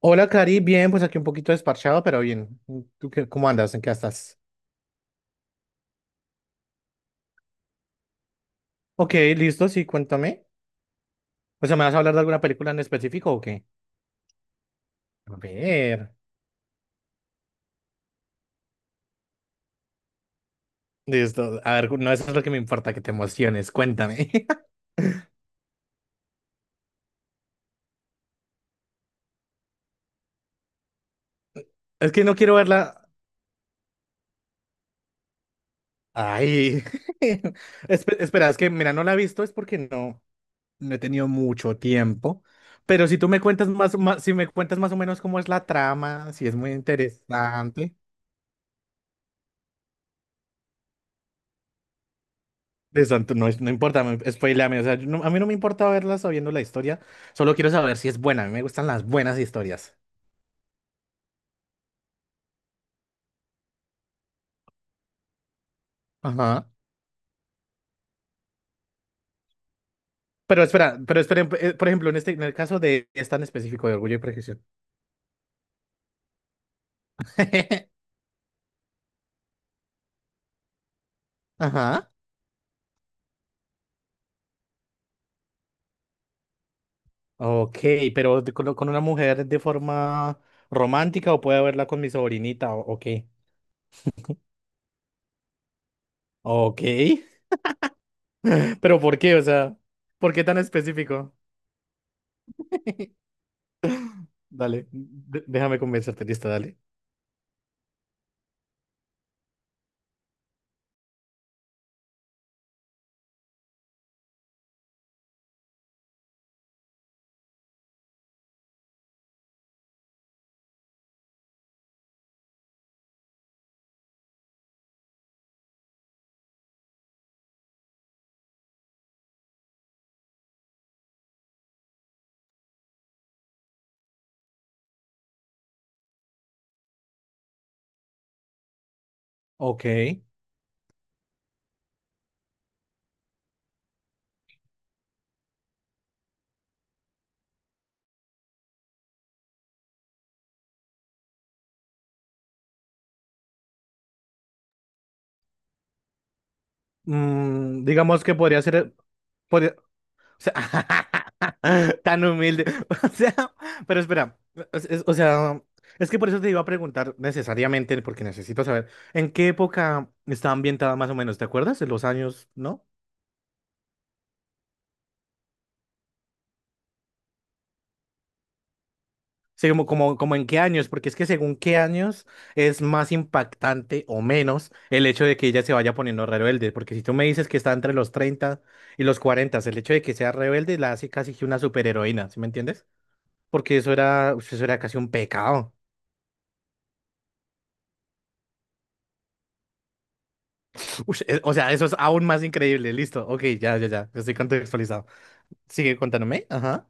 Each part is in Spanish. Hola, Cari. Bien, pues aquí un poquito desparchado, pero bien. ¿Tú qué, cómo andas? ¿En qué estás? Ok, listo, sí, cuéntame. O sea, ¿me vas a hablar de alguna película en específico o qué? A ver. Listo. A ver, no, eso es lo que me importa, que te emociones. Cuéntame. Es que no quiero verla. Ay. Espera, es que, mira, no la he visto, es porque no he tenido mucho tiempo. Pero si tú me cuentas más, si me cuentas más o menos cómo es la trama, si es muy interesante. Eso no, no importa, spoileame, o sea, yo no- a mí no me importa verla sabiendo la historia, solo quiero saber si es buena, a mí me gustan las buenas historias. Ajá. Pero espera por ejemplo, en el caso de es tan específico de Orgullo y Prejuicio. Ajá. Ok, pero con una mujer de forma romántica o puedo verla con mi sobrinita, ok. Ok, pero ¿por qué? O sea, ¿por qué tan específico? Dale, déjame convencerte, listo, dale. Ok. Mm, digamos que podría ser. Por- o sea, tan humilde. O sea, pero espera. O sea, es que por eso te iba a preguntar necesariamente, porque necesito saber en qué época está ambientada más o menos, ¿te acuerdas? En los años, ¿no? Sí, como en qué años, porque es que según qué años es más impactante o menos el hecho de que ella se vaya poniendo rebelde, porque si tú me dices que está entre los 30 y los 40, el hecho de que sea rebelde la hace casi que una superheroína, ¿sí me entiendes? Porque eso era casi un pecado. Ush, o sea, eso es aún más increíble. Listo. Ok, ya. Estoy contextualizado. Sigue contándome. Ajá.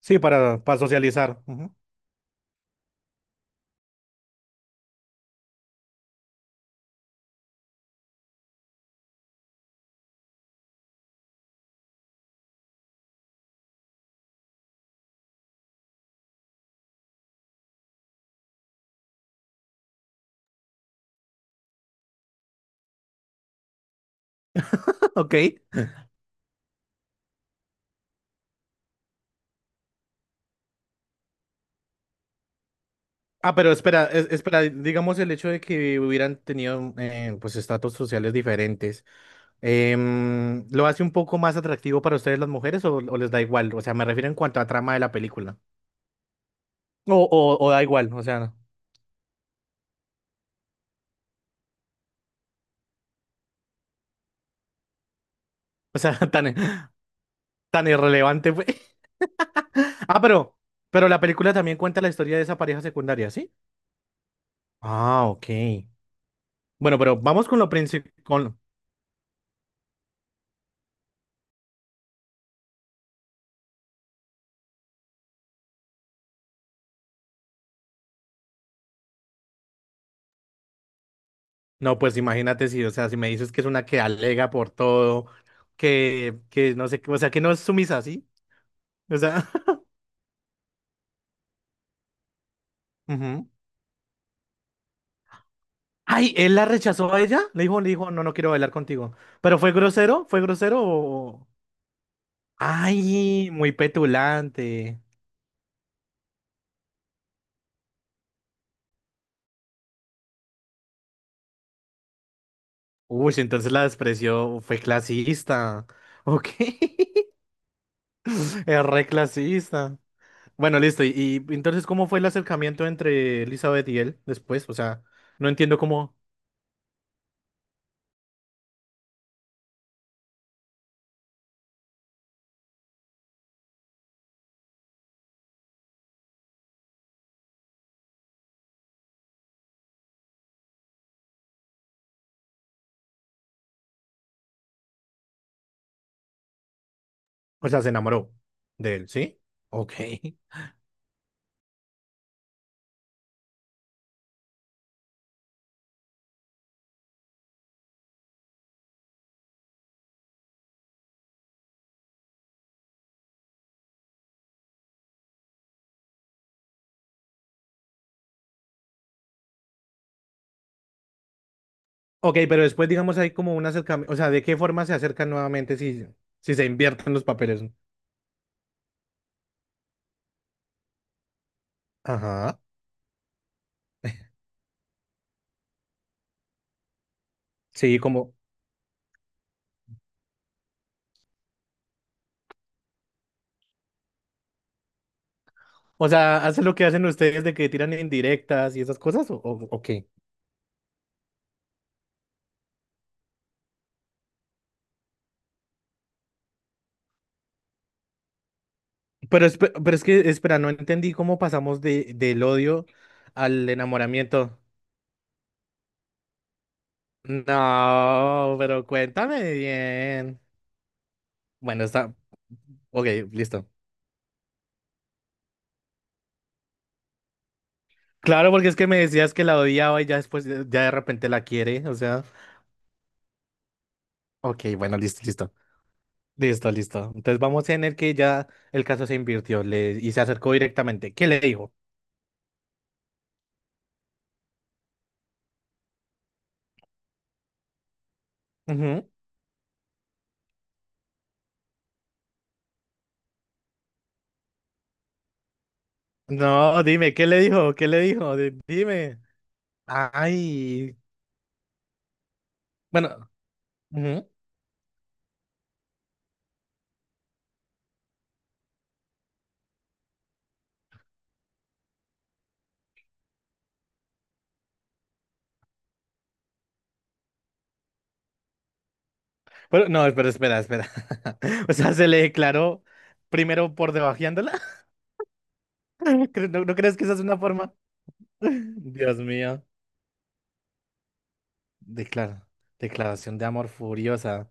Sí, para socializar. Ujú. Ok. Ah, pero espera, espera. Digamos el hecho de que hubieran tenido pues estatus sociales diferentes. ¿Lo hace un poco más atractivo para ustedes las mujeres o les da igual? O sea, me refiero en cuanto a trama de la película. O da igual, o sea, no. O sea, tan irrelevante fue. Ah, pero la película también cuenta la historia de esa pareja secundaria, ¿sí? Ah, ok. Bueno, pero vamos con lo principal. No, pues imagínate si, o sea, si me dices que es una que alega por todo, que no sé, qué, o sea, que no es sumisa, ¿sí? O sea, ujú. Ay, él la rechazó a ella. Le dijo, no, no quiero bailar contigo. ¿Pero fue grosero? ¿Fue grosero o...? Ay, muy petulante. Uy, si entonces la despreció, fue clasista. Ok, es re clasista. Bueno, listo. Y entonces, ¿cómo fue el acercamiento entre Elizabeth y él después? O sea, no entiendo cómo, o sea, se enamoró de él, ¿sí? Ok. Ok, pero después, digamos, hay como un acercamiento, o sea, ¿de qué forma se acercan nuevamente si, si se invierten los papeles? Ajá. Sí, como, o sea, ¿hacen lo que hacen ustedes de que tiran indirectas y esas cosas? O qué? Pero, pero es que, espera, no entendí cómo pasamos de, del odio al enamoramiento. No, pero cuéntame bien. Bueno, está. Ok, listo. Claro, porque es que me decías que la odiaba y ya después, ya de repente la quiere, o sea. Ok, bueno, listo. Listo. Entonces vamos en el que ya el caso se invirtió le, y se acercó directamente. ¿Qué le dijo? Ujú. No, dime, ¿qué le dijo? ¿Qué le dijo? Dime. Ay. Bueno, ujú. Pero no, espera. O sea, se le declaró primero por debajeándola. ¿No, no crees que esa es una forma? Dios mío. Declara- declaración de amor furiosa.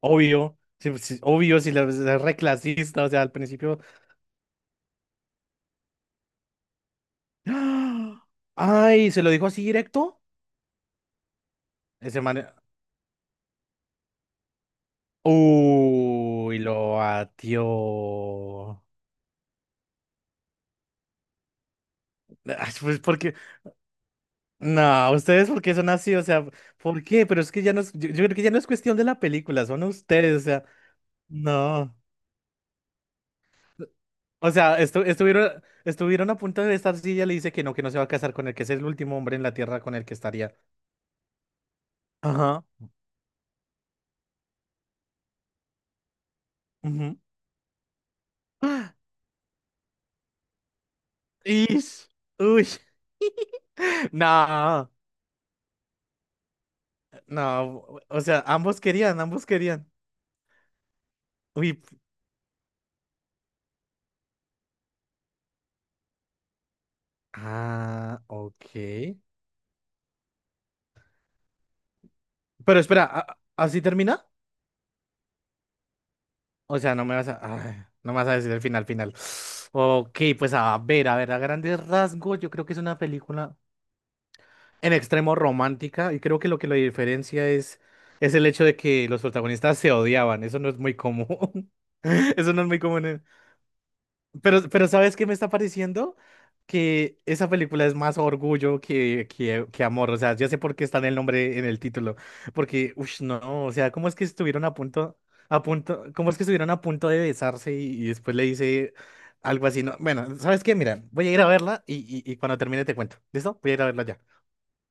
Obvio, sí, sí, obvio, si la es reclasista, o sea, al principio. ¡Ah! ¡Ay! ¿Se lo dijo así directo? Ese man. Uy, lo batió. Ay, pues porque. No, ustedes porque son así, o sea, ¿por qué? Pero es que ya no es. Yo creo que ya no es cuestión de la película, son ustedes, o sea, no. O sea, estuvieron, estuvieron a punto de estar si ella le dice que no se va a casar con él, que es el último hombre en la tierra con el que estaría. Ajá. Ujú. ¡Ah! Ish, uy. No, no. O sea, ambos querían. Uy. Ah, ok. Pero espera, ¿así termina? O sea, no me vas a. Ay, no me vas a decir el final, final. Ok, pues a ver, a ver, a grandes rasgos, yo creo que es una película en extremo romántica. Y creo que lo diferencia es el hecho de que los protagonistas se odiaban. Eso no es muy común. Eso no es muy común. Pero ¿sabes qué me está pareciendo? Que esa película es más orgullo que, que amor. O sea, ya sé por qué está en el nombre, en el título. Porque, uff, no, o sea, ¿cómo es que estuvieron a a punto, cómo es que estuvieron a punto de besarse y después le dice algo así? No, bueno, ¿sabes qué? Mira, voy a ir a verla y, y cuando termine te cuento. ¿Listo? Voy a ir a verla ya.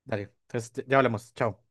Dale, entonces ya hablamos. Chao.